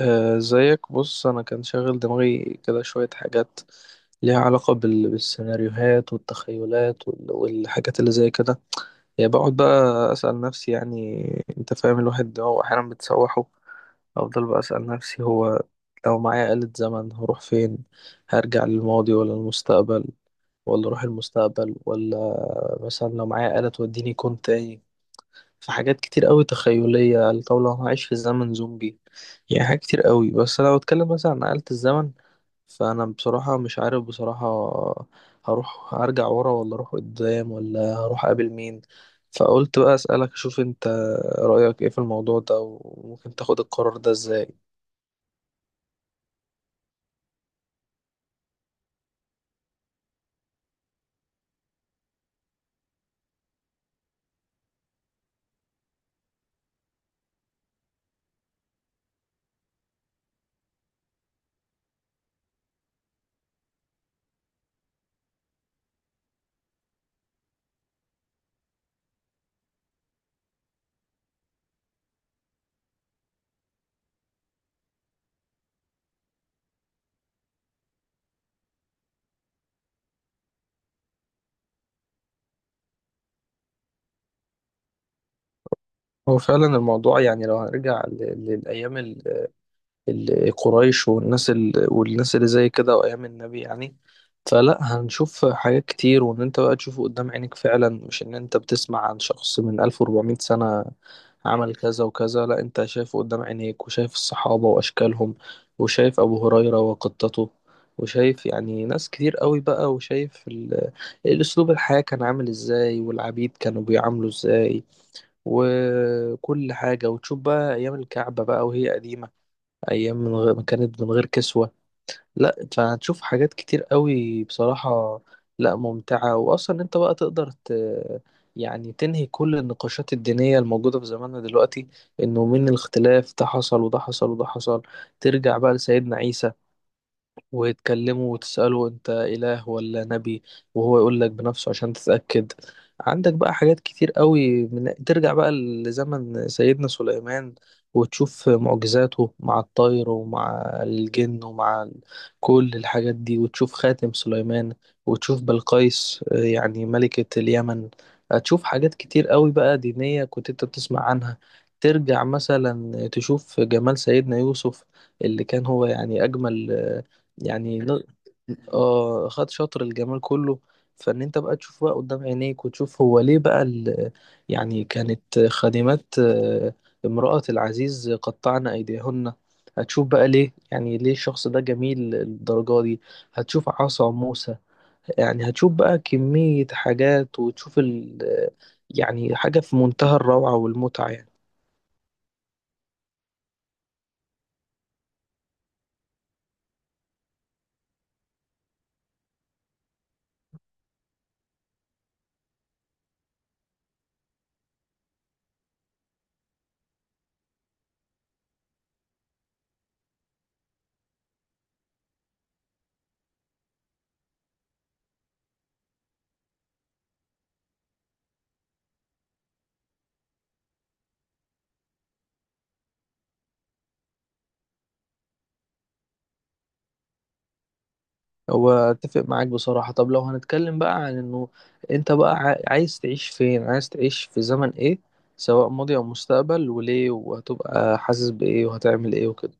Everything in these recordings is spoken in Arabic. زيك بص انا كان شاغل دماغي كده شوية حاجات ليها علاقة بالسيناريوهات والتخيلات والحاجات اللي زي كده. يعني بقعد بقى اسأل نفسي، يعني انت فاهم، الواحد ده هو احيانا بتسوحه. افضل بقى اسأل نفسي، هو لو معايا آلة زمن هروح فين؟ هرجع للماضي ولا المستقبل؟ ولا اروح المستقبل ولا مثلا لو معايا آلة توديني كون تاني؟ في حاجات كتير قوي تخيلية، لو هعيش في زمن زومبي، يعني حاجات كتير قوي. بس لو اتكلم مثلا عن آلة الزمن، فأنا بصراحة مش عارف بصراحة، هروح أرجع ورا ولا أروح قدام ولا هروح أقابل مين. فقلت بقى أسألك أشوف أنت رأيك إيه في الموضوع ده، وممكن تاخد القرار ده إزاي. هو فعلا الموضوع، يعني لو هنرجع للأيام القريش والناس والناس اللي زي كده وايام النبي، يعني فلا هنشوف حاجات كتير. وان انت بقى تشوفه قدام عينك فعلا، مش ان انت بتسمع عن شخص من 1400 سنة عمل كذا وكذا. لا، انت شايفه قدام عينيك، وشايف الصحابة واشكالهم، وشايف ابو هريرة وقطته، وشايف يعني ناس كتير قوي بقى، وشايف الاسلوب الحياة كان عامل ازاي، والعبيد كانوا بيعاملوا ازاي، وكل حاجة. وتشوف بقى ايام الكعبة بقى وهي قديمة، ايام من غير كانت من غير كسوة. لا، فهتشوف حاجات كتير قوي بصراحة، لا ممتعة. واصلا انت بقى تقدر يعني تنهي كل النقاشات الدينية الموجودة في زماننا دلوقتي، انه من الاختلاف ده حصل وده حصل وده حصل. ترجع بقى لسيدنا عيسى وتكلمه وتسأله أنت إله ولا نبي، وهو يقول لك بنفسه عشان تتأكد. عندك بقى حاجات كتير قوي ترجع بقى لزمن سيدنا سليمان وتشوف معجزاته مع الطير ومع الجن ومع كل الحاجات دي، وتشوف خاتم سليمان، وتشوف بلقيس، يعني ملكة اليمن. هتشوف حاجات كتير قوي بقى دينية كنت انت بتسمع عنها. ترجع مثلا تشوف جمال سيدنا يوسف، اللي كان هو يعني أجمل، يعني ن- آه، خد شطر الجمال كله. فان انت بقى تشوف بقى قدام عينيك، وتشوف هو ليه بقى يعني كانت خادمات، امرأة العزيز قطعن ايديهن. هتشوف بقى ليه، يعني ليه الشخص ده جميل الدرجة دي. هتشوف عصا موسى، يعني هتشوف بقى كمية حاجات، وتشوف يعني حاجة في منتهى الروعة والمتعة يعني. هو اتفق معاك بصراحة. طب لو هنتكلم بقى عن انه انت بقى عايز تعيش فين، عايز تعيش في زمن ايه، سواء ماضي او مستقبل، وليه، وهتبقى حاسس بايه، وهتعمل ايه وكده.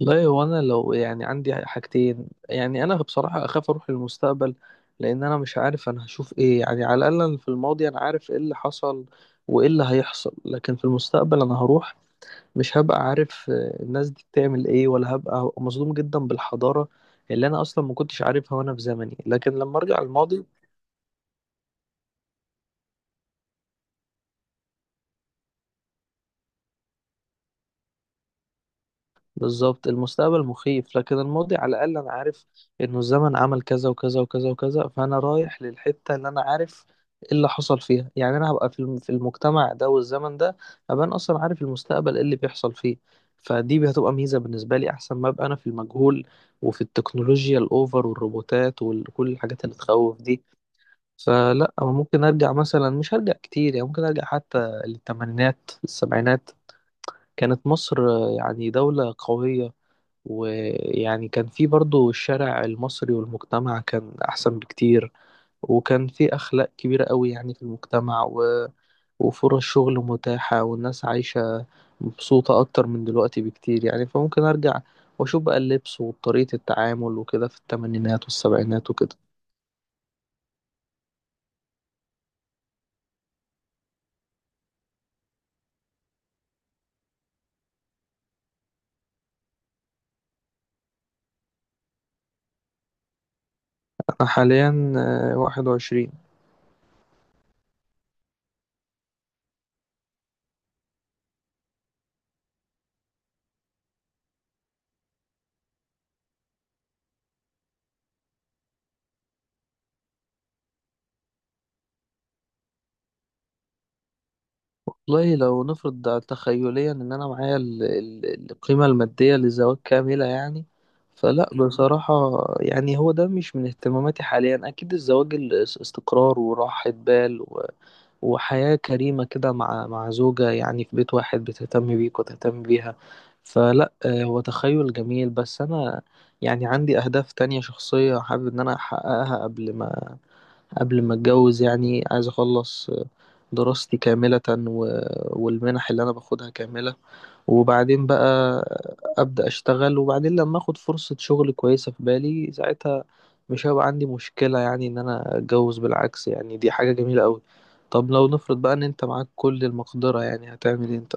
والله هو انا لو يعني عندي حاجتين، يعني انا بصراحة اخاف اروح للمستقبل، لان انا مش عارف انا هشوف ايه. يعني على الاقل أنا في الماضي انا عارف ايه اللي حصل وايه اللي هيحصل، لكن في المستقبل انا هروح مش هبقى عارف، الناس دي بتعمل ايه، ولا هبقى مصدوم جدا بالحضارة اللي انا اصلا ما كنتش عارفها وانا في زمني. لكن لما ارجع الماضي بالظبط، المستقبل مخيف، لكن الماضي على الاقل انا عارف انه الزمن عمل كذا وكذا وكذا وكذا، فانا رايح للحتة اللي انا عارف ايه اللي حصل فيها. يعني انا هبقى في في المجتمع ده والزمن ده، هبقى انا اصلا عارف المستقبل ايه اللي بيحصل فيه، فدي هتبقى ميزة بالنسبة لي، احسن ما ابقى انا في المجهول وفي التكنولوجيا الاوفر والروبوتات وكل الحاجات اللي تخوف دي. فلا، أو ممكن ارجع مثلا، مش هرجع كتير، يعني ممكن ارجع حتى للثمانينات السبعينات. كانت مصر، يعني دولة قوية، ويعني كان في برضو الشارع المصري والمجتمع كان احسن بكتير، وكان في اخلاق كبيرة قوي يعني في المجتمع وفرص شغل متاحة والناس عايشة مبسوطة اكتر من دلوقتي بكتير. يعني فممكن ارجع واشوف بقى اللبس وطريقة التعامل وكده في الثمانينات والسبعينات وكده. انا حاليا واحد وعشرين. والله لو نفرض ده تخيليا ان انا معايا القيمة المادية للزواج كاملة يعني، فلا بصراحة، يعني هو ده مش من اهتماماتي حاليا. اكيد الزواج استقرار وراحة بال وحياة كريمة كده مع زوجة، يعني في بيت واحد بتهتم بيك وتهتم بيها. فلا، هو تخيل جميل، بس انا يعني عندي اهداف تانية شخصية حابب ان انا احققها قبل ما قبل ما اتجوز. يعني عايز اخلص دراستي كاملة والمنح اللي انا باخدها كاملة، وبعدين بقى ابدأ اشتغل، وبعدين لما اخد فرصة شغل كويسة في بالي ساعتها، مش هيبقى عندي مشكلة يعني ان انا اتجوز، بالعكس يعني دي حاجة جميلة قوي. طب لو نفرض بقى ان انت معاك كل المقدرة، يعني هتعمل ايه انت؟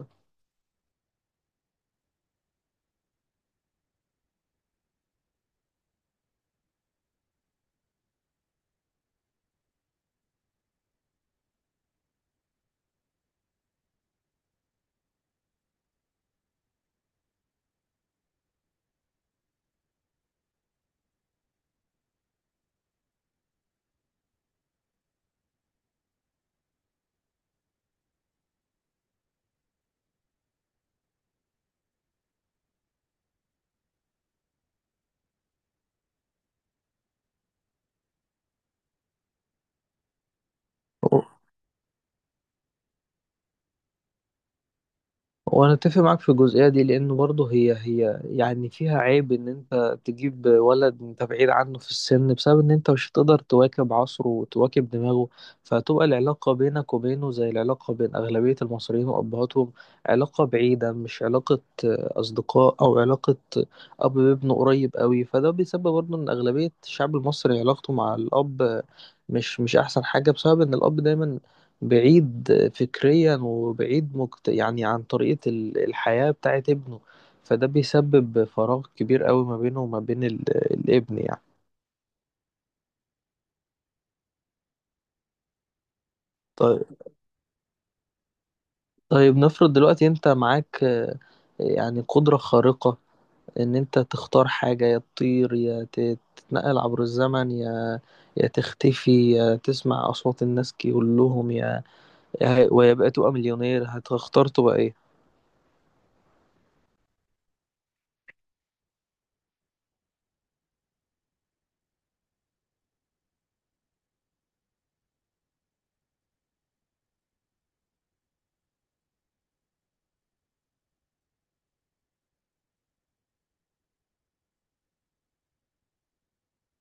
وانا اتفق معاك في الجزئيه دي، لانه برضه هي يعني فيها عيب ان انت تجيب ولد انت بعيد عنه في السن، بسبب ان انت مش هتقدر تواكب عصره وتواكب دماغه، فتبقى العلاقه بينك وبينه زي العلاقه بين اغلبيه المصريين وابهاتهم. علاقه بعيده، مش علاقه، اصدقاء او علاقه اب بابنه قريب قوي. فده بيسبب برضه ان اغلبيه الشعب المصري علاقته مع الاب، مش احسن حاجه، بسبب ان الاب دايما بعيد فكريا وبعيد يعني عن طريقة الحياة بتاعت ابنه. فده بيسبب فراغ كبير قوي ما بينه وما بين الابن يعني. طيب. طيب نفرض دلوقتي انت معاك، يعني قدرة خارقة، ان انت تختار حاجة، يا تطير، يا تتنقل عبر الزمن، يا يا تختفي، يا تسمع أصوات الناس كلهم، يا ويبقى تبقى مليونير. هتختار تبقى ايه؟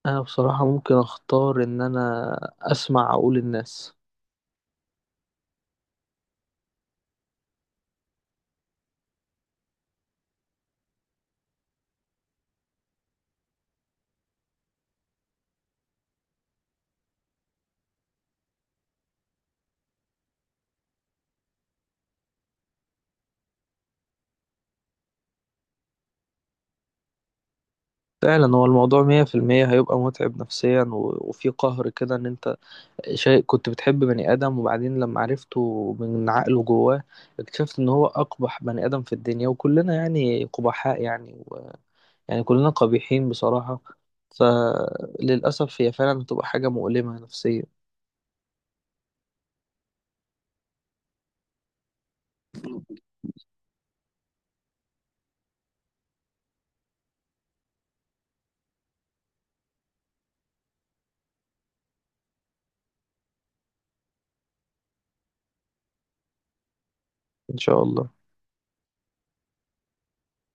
انا بصراحة ممكن اختار ان انا اسمع عقول الناس. فعلا هو الموضوع مية في المية هيبقى متعب نفسيا وفي قهر كده، ان انت شيء كنت بتحب بني ادم، وبعدين لما عرفته من عقله جواه اكتشفت ان هو اقبح بني ادم في الدنيا، وكلنا يعني قبحاء يعني يعني كلنا قبيحين بصراحة. فللأسف هي فعلا هتبقى حاجة مؤلمة نفسيا. ان شاء الله.